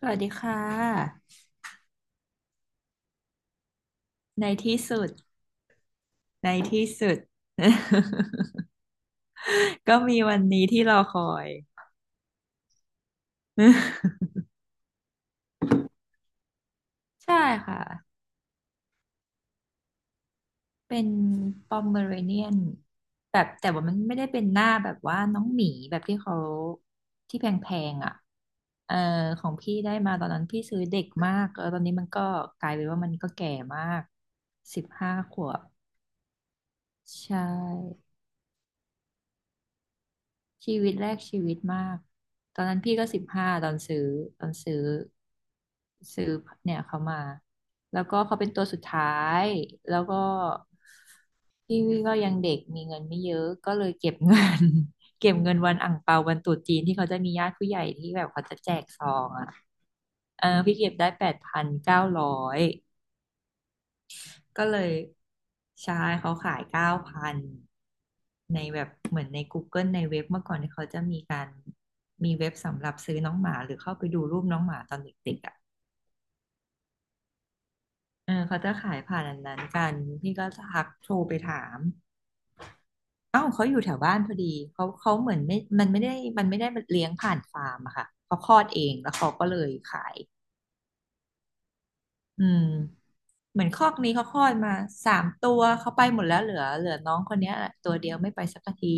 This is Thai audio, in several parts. สวัสดีค่ะในที่สุดในที่สุด ก็มีวันนี้ที่รอคอย ใช่ค่ะเป็นปอมเมอเรเนียนแบบแต่ว่ามันไม่ได้เป็นหน้าแบบว่าน้องหมีแบบที่เขาที่แพงๆอ่ะเออของพี่ได้มาตอนนั้นพี่ซื้อเด็กมากแล้วตอนนี้มันก็กลายเป็นว่ามันก็แก่มาก15 ขวบใช่ ชีวิตแรกชีวิตมากตอนนั้นพี่ก็สิบห้าตอนซื้อซื้อเนี่ยเขามาแล้วก็เขาเป็นตัวสุดท้ายแล้วก็พี่ก็ยังเด็กมีเงินไม่เยอะก็เลยเก็บเงิน เก็บเงินวันอั่งเปาวันตรุษจีนที่เขาจะมีญาติผู้ใหญ่ที่แบบเขาจะแจกซองอ่ะเออพี่เก็บได้8,900 ก็เลยใช่เขาขาย9,000ในแบบเหมือนใน Google ในเว็บเมื่อก่อนที่เขาจะมีการมีเว็บสำหรับซื้อน้องหมาหรือเข้าไปดูรูปน้องหมาตอนเด็กๆอ่ะเออเขาจะขายผ่านอันนั้นกันพี่ก็ทักโทรไปถามเอ้าวเขาอยู่แถวบ้านพอดีเขาเขาเหมือนไม่มันไม่ได้เลี้ยงผ่านฟาร์มอะค่ะเขาคลอดเองแล้วเขาก็เลยขายอืมเหมือนคอกนี้เขาคลอดมาสามตัวเขาไปหมดแล้วเหลือน้องคนเนี้ยตัวเดียวไม่ไปสักที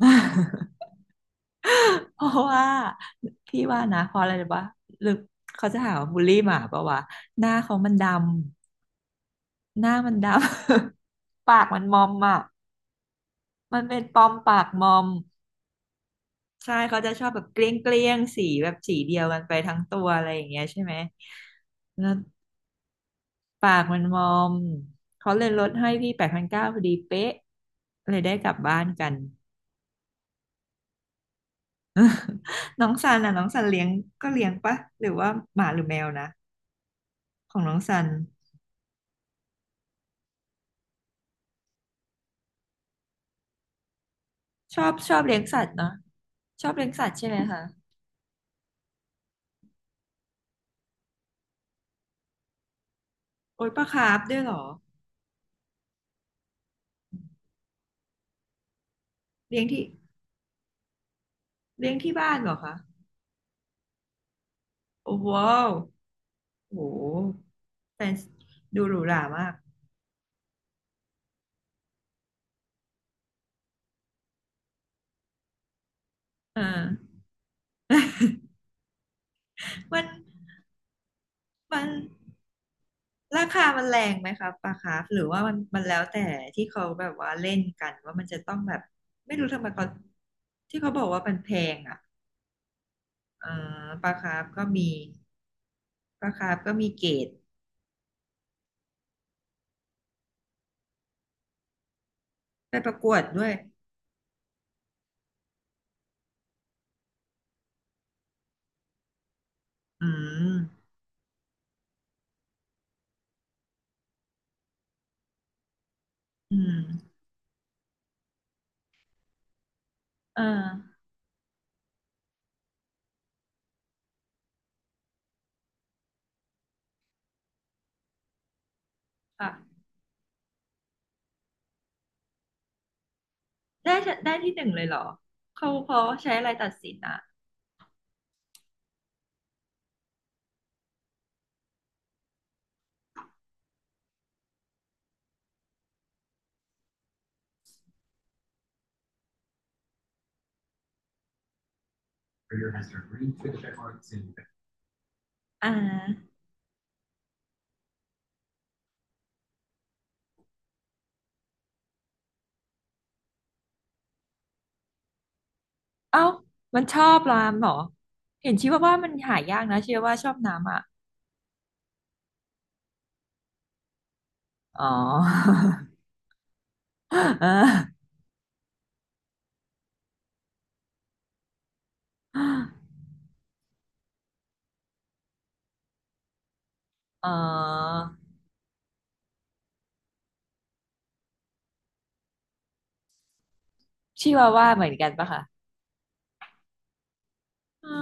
เพราะว่าพี่ว่านะเพราะอะไรรู้ปะหรือเขาจะหาว่าบูลลี่หมาปะวะหน้าเขามันดำหน้ามันดำ ปากมันมอมอ่ะมันเป็นปอมปากมอมใช่เขาจะชอบแบบเกลี้ยงเกลี้ยงสีแบบสีเดียวกันไปทั้งตัวอะไรอย่างเงี้ยใช่ไหมแล้วปากมันมอมเขาเลยลดให้พี่แปดพันเก้าพอดีเป๊ะเลยได้กลับบ้านกัน น้องซันอ่ะน้องซันเลี้ยงก็เลี้ยงปะหรือว่าหมาหรือแมวนะ ของน้องซันชอบเลี้ยงสัตว์เนาะชอบเลี้ยงสัตว์ใช่ไหมคะโอ้ยปลาคาร์ฟด้วยเหรอเลี้ยงที่เลี้ยงที่บ้านเหรอคะโอ้โหโอ้โหแฟนดูหรูหรามากอ่ามันมันราคามันแรงไหมคะปลาคาร์ฟหรือว่ามันมันแล้วแต่ที่เขาแบบว่าเล่นกันว่ามันจะต้องแบบไม่รู้ทำไมเขาที่เขาบอกว่ามันแพงอ่ะอ่าปลาคาร์ฟก็มีปลาคาร์ฟก็มีเกรดไปประกวดด้วยอืมอืม เออค่ะได้ได้ที่หนึ่งเลยเหรอเขาเขาใช้อะไรตัดสินอ่ะอ่าเอ้ามันชอบรามเหรอเห็นชีว่าว่ามันหายากนะชีว่าว่าชอบน้ำอ่ะอ๋อ เออเออชีว่าว่าเหมือนกันปะคะเอ๋อ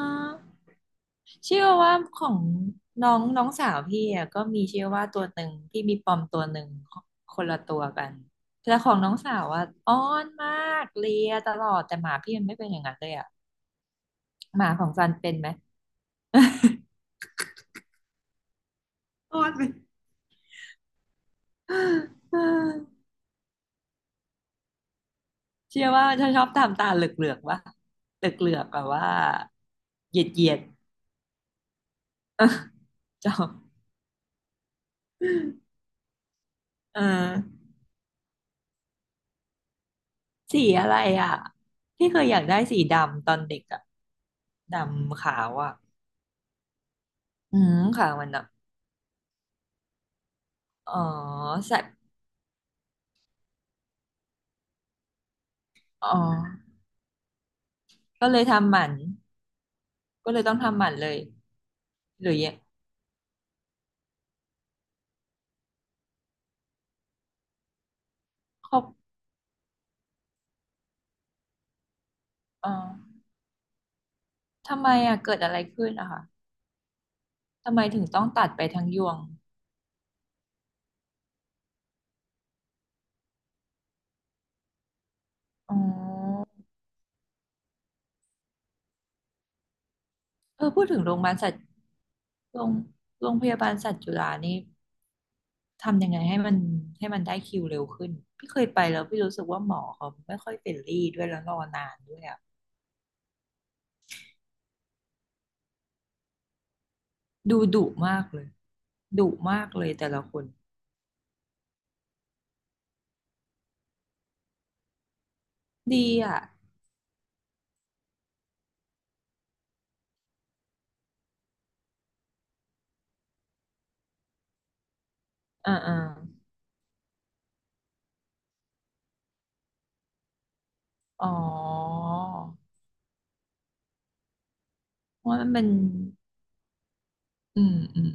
ชีว่าว่าของน้องน้องสาวพี่อะก็มีชีว่าว่าตัวหนึ่งพี่มีปอมตัวหนึ่งคนละตัวกันแต่ของน้องสาวอ่ะอ้อนมากเลียตลอดแต่หมาพี่มันไม่เป็นอย่างนั้นเลยอะ หมาของซันเป็นไหม รอดไหม เชื่อว่าจะชอบทำตาเหลือกๆวะเหลือกๆแบบว่าเหยียดๆ เออจอบเออสีอะไรอ่ะที่เคยอยากได้สีดำตอนเด็กอ่ะ ดำขาวอ่ะอืมขาวมันอ่ะ อ๋อใส่อ๋อก็เลยทำหมันก็เลยต้องทำหมันเลยหรือยังครอบอ๋อทำไมอ่ะเกิดอะไรขึ้นอะคะทำไมถึงต้องตัดไปทั้งยวง อ๋อ เออพูดถึงโรงพยาบาลสัตว์โรงโรงพยาบาลสัตว์จุฬานี่ทำยังไงให้มันได้คิวเร็วขึ้นพี่เคยไปแล้วพี่รู้สึกว่าหมอเขาไม่ค่อยเฟรนลี่ด้วยแล้วรอนานด้วยอ่ะดูดุมากเลยดุมากเลยแต่ละคนดีอ่ะอ่าอ่าอ๋อเพราะมันเป็นอืมอืม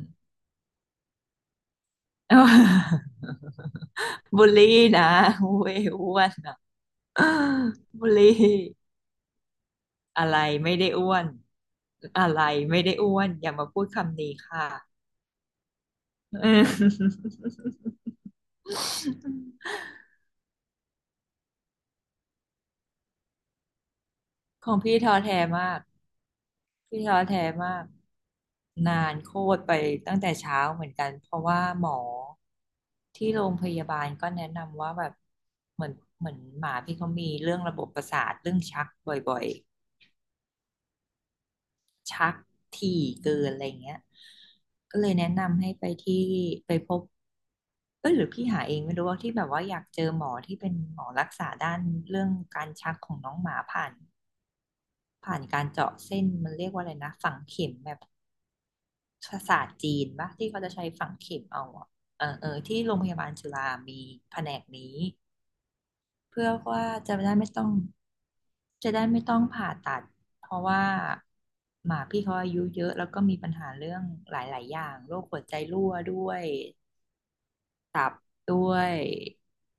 เอ้า บูลลี่นะเว้ยอ้วนอ่ะ บูลลี่ อะไรไม่ได้อ้วนอะไรไม่ได้อ้วนอย่ามาพูดคำนี้ค่ะ อืมของพี่ท้อแท้มากพี่ท้อแท้มากนานโคตรไปตั้งแต่เช้าเหมือนกันเพราะว่าหมอที่โรงพยาบาลก็แนะนำว่าแบบเหมือนเหมือนหมาพี่เขามีเรื่องระบบประสาทเรื่องชักบ่อยๆ ชักถี่เกินอะไรอย่างเงี้ยก็เลยแนะนำให้ไปที่ไปพบเอ้ยหรือพี่หาเองไม่รู้ว่าที่แบบว่าอยากเจอหมอที่เป็นหมอรักษาด้านเรื่องการชักของน้องหมาผ่านการเจาะเส้นมันเรียกว่าอะไรนะฝังเข็มแบบภาษาสตร์จีนปะที่เขาจะใช้ฝังเข็มเอาอะเออเออที่โรงพยาบาลจุฬามีแผนกนี้ เพื่อว่าจะได้ไม่ต้องจะได้ไม่ต้องผ่าตัดเพราะว่าหมาพี่เขาอายุเยอะแล้วก็มีปัญหาเรื่องหลายๆอย่างโรคหัวใจรั่วด้วยด้วย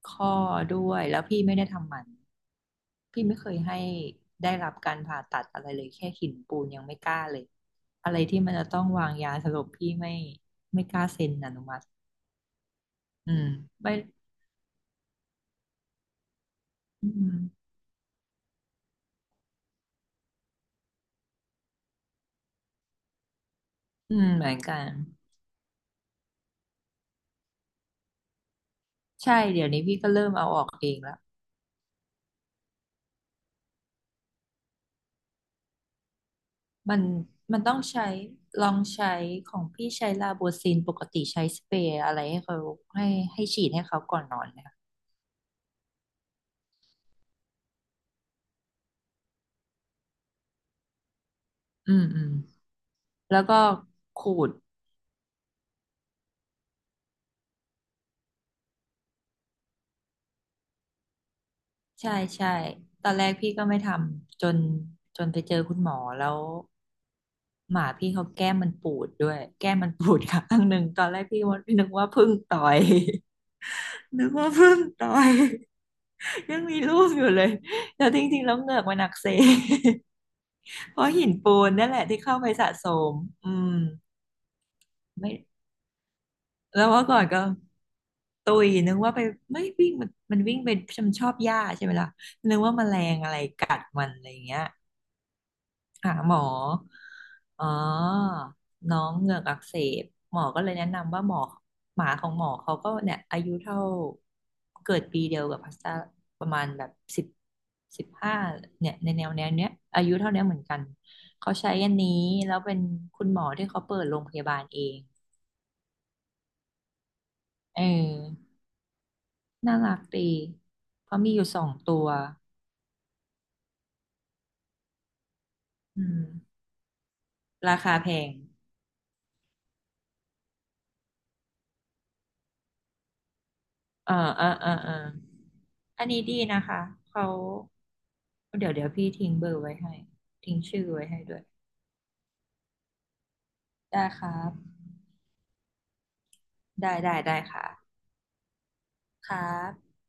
ข้อด้วยแล้วพี่ไม่ได้ทำหมันพี่ไม่เคยให้ได้รับการผ่าตัดอะไรเลยแค่หินปูนยังไม่กล้าเลยอะไรที่มันจะต้องวางยาสลบพี่ไม่กล้าเซ็นอนุมัติอืมไม่อืมอืมเหมือนกันใช่เดี๋ยวนี้พี่ก็เริ่มเอาออกเองแล้ว มันมันต้องใช้ลองใช้ของพี่ใช้ลาโบซินปกติใช้สเปรย์อะไรให้เขาให้ฉีดให้เขาก่อนนอนเนยคะอืมอืมแล้วก็ขูดใช่ใช่ตอนแรกพี่ก็ไม่ทำจนไปเจอคุณหมอแล้วหมาพี่เขาแก้มมันปูดด้วยแก้มมันปูดข้างหนึ่งตอนแรกพี่ว่าพี่นึกว่าพึ่งต่อย นึกว่าพึ่งต่อย ยังมีรูปอยู่เลยแต่จริงๆแล้วเหงือกมันอักเสบ เพราะหินปูนนั่นแหละที่เข้าไปสะสมอืมไม่แล้วเมื่อก่อนก็ตุยนึกว่าไปไม่วิ่งมันวิ่งไปชมนชอบหญ้าใช่ไหมล่ะนึกว่าแมลงอะไรกัดมันอะไรอย่างเงี้ย หาหมออ๋อน้องเหงือกอักเสบ หมอก็เลยแนะนำว่าหมอหมาของหมอเขาก็เนี่ยอายุเท่าเกิดปีเดียวกับพาสต้าประมาณแบบสิบสิบห้าเนี่ยในแนวแนวเนี้ยอายุเท่าเนี้ยเหมือนกันเขาใช้อันนี้แล้วเป็นคุณหมอที่เขาเปิดโรงพยาบาลเองเออน่ารักดีเขามีอยู่สองตัวอืมราคาแพง เออเออเออเอออันนี้ดีนะคะ เขา เดี๋ยวเดี๋ยวพี่ทิ้งเบอร์ไว้ให้ ทิ้งชื่อไว้ให้ด้วย ได้ครับได้ได้ได้ค่ะครับ